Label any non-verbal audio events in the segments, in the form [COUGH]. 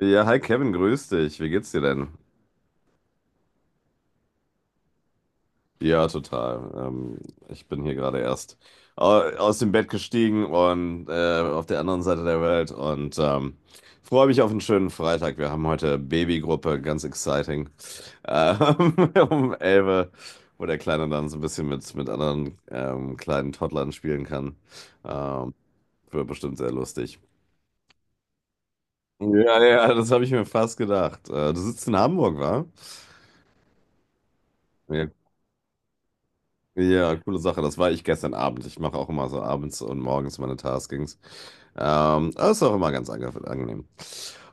Ja, hi Kevin, grüß dich. Wie geht's dir denn? Ja, total. Ich bin hier gerade erst aus dem Bett gestiegen und auf der anderen Seite der Welt und freue mich auf einen schönen Freitag. Wir haben heute Babygruppe, ganz exciting, Ähm, [LAUGHS] um 11 Uhr, wo der Kleine dann so ein bisschen mit anderen kleinen Toddlern spielen kann. Ähm, wird bestimmt sehr lustig. Ja, ja, das habe ich mir fast gedacht. Du sitzt in Hamburg, wa? Ja, coole Sache. Das war ich gestern Abend. Ich mache auch immer so abends und morgens meine Taskings. Das ist auch immer ganz angenehm.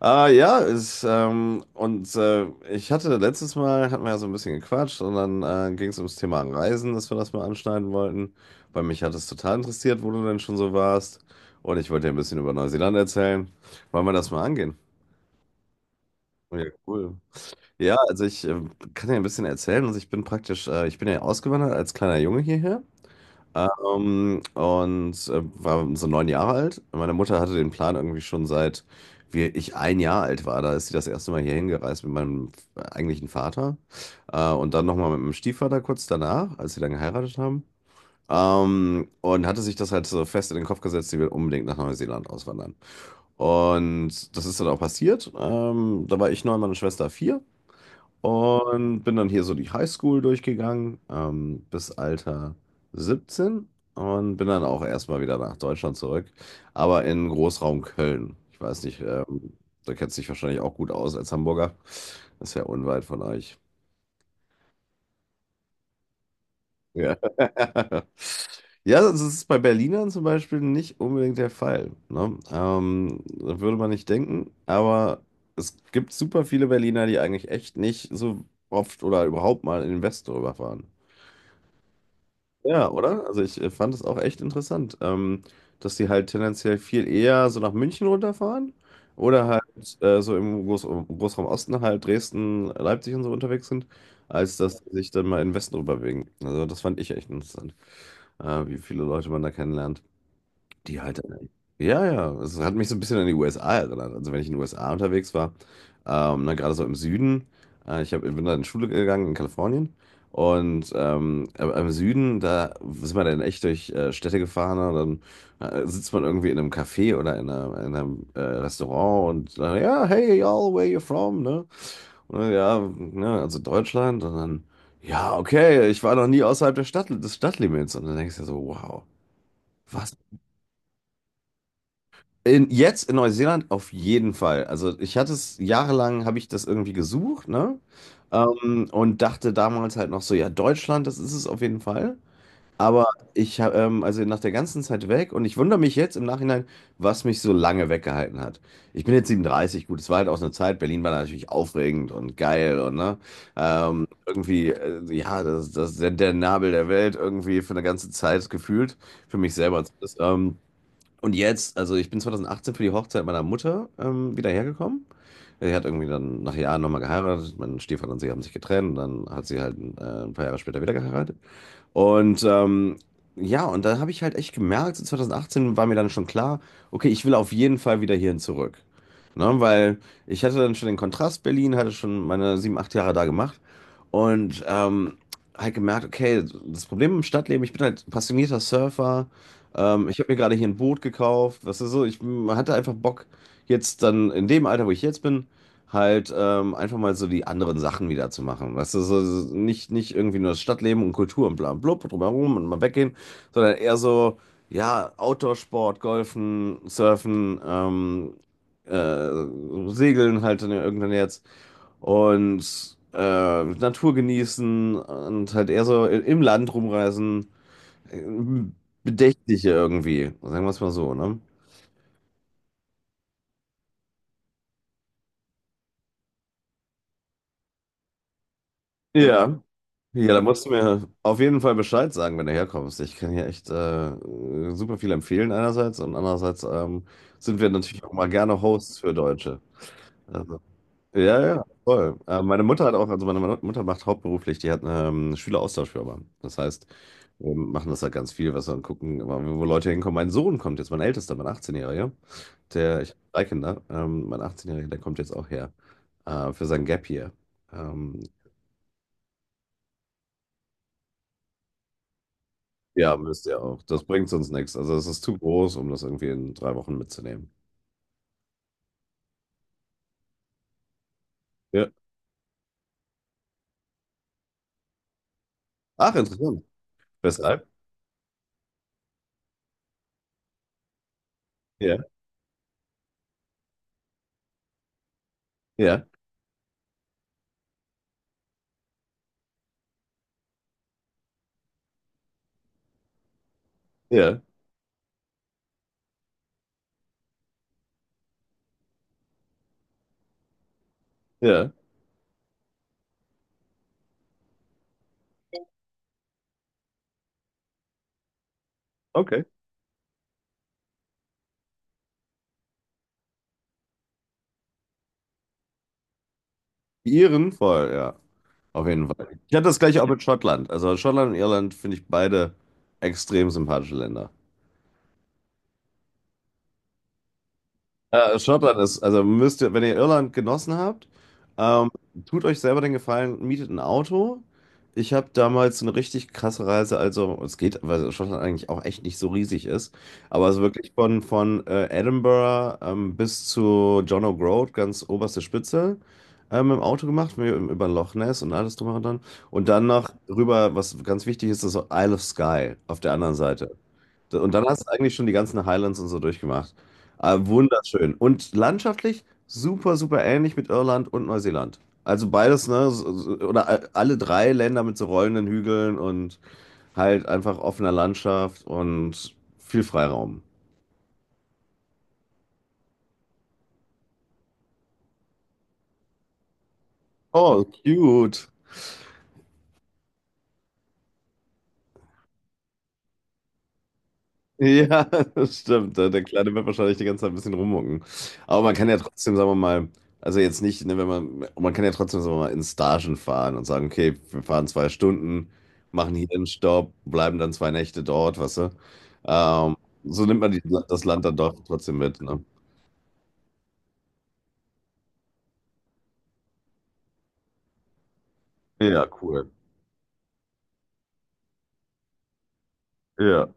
Ja, ist, und ich hatte letztes Mal, hatten wir ja so ein bisschen gequatscht und dann ging es ums Thema Reisen, dass wir das mal anschneiden wollten, weil mich hat es total interessiert, wo du denn schon so warst. Und ich wollte dir ein bisschen über Neuseeland erzählen. Wollen wir das mal angehen? Ja, cool. Ja, also ich kann dir ein bisschen erzählen. Also ich bin ja ausgewandert als kleiner Junge hierher. Und war so 9 Jahre alt. Meine Mutter hatte den Plan irgendwie schon seit ich ein Jahr alt war. Da ist sie das erste Mal hier hingereist mit meinem eigentlichen Vater. Und dann nochmal mit meinem Stiefvater kurz danach, als sie dann geheiratet haben. Und hatte sich das halt so fest in den Kopf gesetzt, sie will unbedingt nach Neuseeland auswandern. Und das ist dann auch passiert. Da war ich neun, meine Schwester vier. Und bin dann hier so die Highschool durchgegangen, bis Alter 17 und bin dann auch erstmal wieder nach Deutschland zurück, aber in Großraum Köln. Ich weiß nicht, da kennst du dich wahrscheinlich auch gut aus als Hamburger. Das ist ja unweit von euch. Ja. [LAUGHS] Ja, das ist bei Berlinern zum Beispiel nicht unbedingt der Fall. Ne? Da würde man nicht denken, aber es gibt super viele Berliner, die eigentlich echt nicht so oft oder überhaupt mal in den Westen rüberfahren. Ja, oder? Also ich fand es auch echt interessant, dass die halt tendenziell viel eher so nach München runterfahren oder halt so im Großraum Osten halt Dresden, Leipzig und so unterwegs sind, als dass sie sich dann mal in den Westen rüberbewegen. Also das fand ich echt interessant, wie viele Leute man da kennenlernt. Die halt. Ja, ja, es hat mich so ein bisschen an die USA erinnert. Also, wenn ich in den USA unterwegs war, ne, gerade so im Süden, bin da in Schule gegangen in Kalifornien. Und aber im Süden, da sind wir dann echt durch Städte gefahren. Und dann sitzt man irgendwie in einem Café oder in einem Restaurant und dann, ja, hey, y'all, where you from? Ne? Und dann, ja, ne, also Deutschland. Und dann, ja, okay, ich war noch nie außerhalb der Stadt, des Stadtlimits. Und dann denkst du dir so, wow, was? Jetzt in Neuseeland auf jeden Fall. Also ich hatte es jahrelang, habe ich das irgendwie gesucht, ne? Und dachte damals halt noch so, ja, Deutschland, das ist es auf jeden Fall. Aber also nach der ganzen Zeit weg und ich wundere mich jetzt im Nachhinein, was mich so lange weggehalten hat. Ich bin jetzt 37, gut, es war halt auch so eine Zeit, Berlin war natürlich aufregend und geil und ne, irgendwie, ja, das ist der Nabel der Welt irgendwie für eine ganze Zeit gefühlt, für mich selber zumindest. Und jetzt, also ich bin 2018 für die Hochzeit meiner Mutter wieder hergekommen. Sie hat irgendwie dann nach Jahren nochmal geheiratet. Mein Stiefvater und sie haben sich getrennt. Dann hat sie halt ein paar Jahre später wieder geheiratet. Und ja, und da habe ich halt echt gemerkt, 2018 war mir dann schon klar, okay, ich will auf jeden Fall wieder hierhin zurück. Ne, weil ich hatte dann schon den Kontrast Berlin, hatte schon meine sieben, acht Jahre da gemacht und halt gemerkt, okay, das Problem im Stadtleben, ich bin halt passionierter Surfer, ich habe mir gerade hier ein Boot gekauft, was ist so, ich hatte einfach Bock, jetzt dann in dem Alter, wo ich jetzt bin, halt einfach mal so die anderen Sachen wieder zu machen. Weißt du, so nicht irgendwie nur das Stadtleben und Kultur und bla und blub drumherum und mal weggehen, sondern eher so, ja, Outdoor-Sport, Golfen, Surfen, Segeln halt dann irgendwann jetzt und Natur genießen und halt eher so im Land rumreisen. äh, Bedächtliche irgendwie, sagen wir es mal so, ne? Ja. Ja, da musst du mir auf jeden Fall Bescheid sagen, wenn du herkommst. Ich kann hier echt super viel empfehlen einerseits und andererseits sind wir natürlich auch mal gerne Hosts für Deutsche. Also, ja, ja, voll. Meine Mutter hat auch, also meine Mutter macht hauptberuflich, die hat eine Schüleraustauschfirma. Das heißt, wir machen das halt ganz viel, was wir dann gucken, immer, wo Leute hinkommen. Mein Sohn kommt jetzt, mein Ältester, mein 18-Jähriger, der, ich habe drei Kinder, mein 18-Jähriger, der kommt jetzt auch her für sein Gap Year. Ähm, Ja, müsst ihr auch. Das bringt uns nichts. Also es ist zu groß, um das irgendwie in 3 Wochen mitzunehmen. Ja. Ach, interessant. Weshalb? Ja, ja, ja, ja. Okay. Die Iren voll, ja. Auf jeden Fall. Ich hatte das gleiche auch mit Schottland. Also Schottland und Irland finde ich beide extrem sympathische Länder. Also müsst ihr, wenn ihr Irland genossen habt, ähm, tut euch selber den Gefallen, mietet ein Auto. Ich habe damals eine richtig krasse Reise, also es geht, weil Schottland eigentlich auch echt nicht so riesig ist, aber es ist wirklich von Edinburgh bis zu John O'Groat, ganz oberste Spitze, im Auto gemacht, über Loch Ness und alles drum und dran. Und dann noch rüber, was ganz wichtig ist, ist Isle of Skye auf der anderen Seite. Und dann hast du eigentlich schon die ganzen Highlands und so durchgemacht. Ah, wunderschön. Und landschaftlich super, super ähnlich mit Irland und Neuseeland. Also beides, ne? Oder alle drei Länder mit so rollenden Hügeln und halt einfach offener Landschaft und viel Freiraum. Oh, cute. Ja, [LAUGHS] das stimmt. Der Kleine wird wahrscheinlich die ganze Zeit ein bisschen rummucken. Aber man kann ja trotzdem, sagen wir mal, also jetzt nicht, ne, wenn man, man kann ja trotzdem, sagen wir mal, in Stagen fahren und sagen, okay, wir fahren 2 Stunden, machen hier einen Stopp, bleiben dann 2 Nächte dort, weißt du? Ähm, so nimmt man die, das Land dann doch trotzdem mit, ne? Ja, cool. Ja.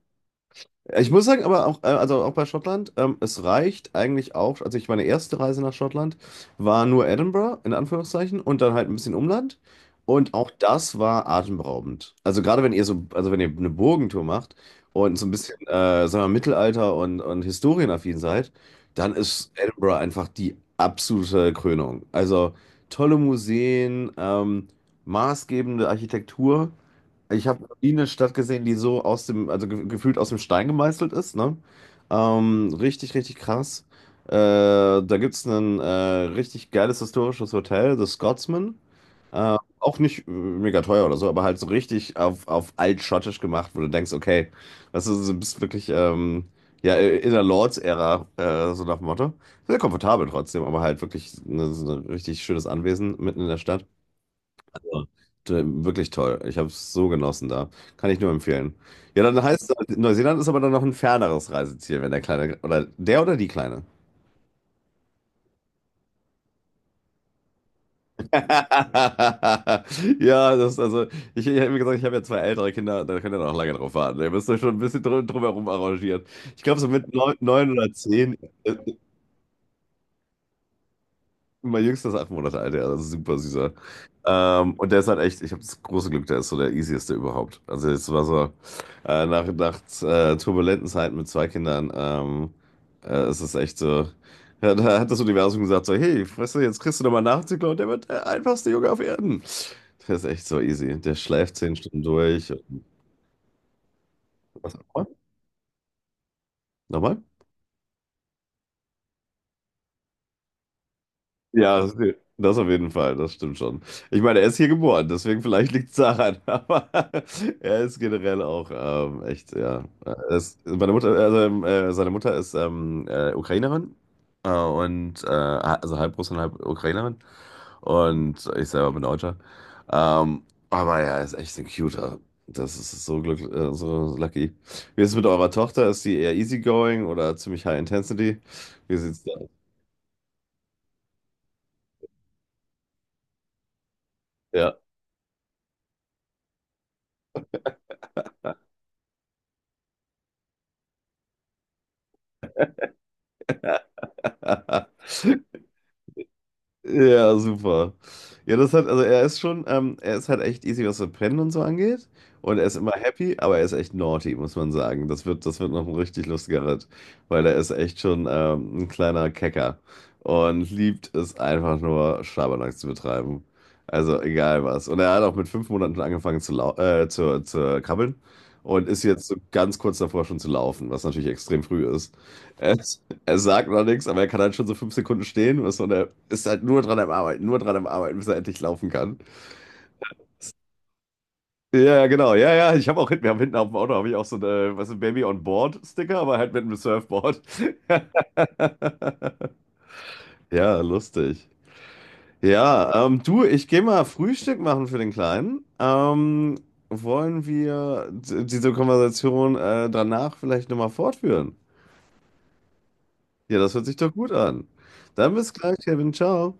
Ich muss sagen, aber auch, also auch bei Schottland, es reicht eigentlich auch, also ich meine erste Reise nach Schottland war nur Edinburgh, in Anführungszeichen, und dann halt ein bisschen Umland. Und auch das war atemberaubend. Also gerade wenn ihr so, also wenn ihr eine Burgentour macht und so ein bisschen, sagen wir, mal, Mittelalter und historienaffin seid, dann ist Edinburgh einfach die absolute Krönung. Also tolle Museen, maßgebende Architektur. Ich habe noch nie eine Stadt gesehen, die so aus dem, also ge gefühlt aus dem Stein gemeißelt ist, ne? Richtig, richtig krass. Da gibt es ein richtig geiles historisches Hotel, The Scotsman. Auch nicht mega teuer oder so, aber halt so richtig auf altschottisch gemacht, wo du denkst, okay, du bist wirklich ja, in der Lords-Ära, so nach dem Motto. Sehr komfortabel trotzdem, aber halt wirklich ne, so ein richtig schönes Anwesen mitten in der Stadt. Ja. Wirklich toll. Ich habe es so genossen da. Kann ich nur empfehlen. Ja, dann heißt es, halt, Neuseeland ist aber dann noch ein ferneres Reiseziel, wenn der Kleine, oder der oder die Kleine. [LAUGHS] Ja, das, also, ich habe mir gesagt, ich habe ja zwei ältere Kinder, da könnt ihr noch lange drauf warten. Ihr müsst euch schon ein bisschen drumherum arrangieren. Ich glaube, so mit neun oder zehn. äh, Mein Jüngster ist 8 Monate alt, ja, also super süßer. Und der ist halt echt, ich habe das große Glück, der ist so der easieste überhaupt. Also es war so, nach turbulenten Zeiten mit zwei Kindern, es ist echt so, ja, da hat das Universum gesagt so, hey, weißt du, jetzt kriegst du nochmal Nachzügler und der wird der einfachste Junge auf Erden. Der ist echt so easy. Der schläft 10 Stunden durch. Was? Nochmal? Nochmal? Ja, das auf jeden Fall, das stimmt schon. Ich meine, er ist hier geboren, deswegen vielleicht liegt es daran, [LAUGHS] aber er ist generell auch echt, ja. Er ist, meine Mutter, also, Seine Mutter ist Ukrainerin und also halb Russin, halb Ukrainerin und ich selber bin Deutscher. Ähm, aber ja, er ist echt ein Cuter. Das ist so glücklich, so lucky. Wie ist es mit eurer Tochter? Ist sie eher easygoing oder ziemlich high intensity? Wie sieht's da aus? Ja. [LAUGHS] Ja, super. Ja, also er ist halt echt easy, was so Pennen und so angeht. Und er ist immer happy, aber er ist echt naughty, muss man sagen. Das wird noch ein richtig lustiger Ritt, weil er ist echt schon ein kleiner Kecker und liebt es einfach nur, Schabernack zu betreiben. Also egal was. Und er hat auch mit 5 Monaten schon angefangen zu krabbeln und ist jetzt so ganz kurz davor schon zu laufen, was natürlich extrem früh ist. [LAUGHS] Er sagt noch nichts, aber er kann halt schon so 5 Sekunden stehen. Was so Und er ist halt nur dran am Arbeiten, nur dran am Arbeiten, bis er endlich laufen kann. Ja, ja, genau. Ja, ja. Ich habe auch hinten, wir haben hinten auf dem Auto habe ich auch so eine, was ist ein Baby on Board Sticker, aber halt mit einem Surfboard. [LAUGHS] Ja, lustig. Ja, du, ich gehe mal Frühstück machen für den Kleinen. Wollen wir diese Konversation danach vielleicht nochmal fortführen? Ja, das hört sich doch gut an. Dann bis gleich, Kevin. Ciao.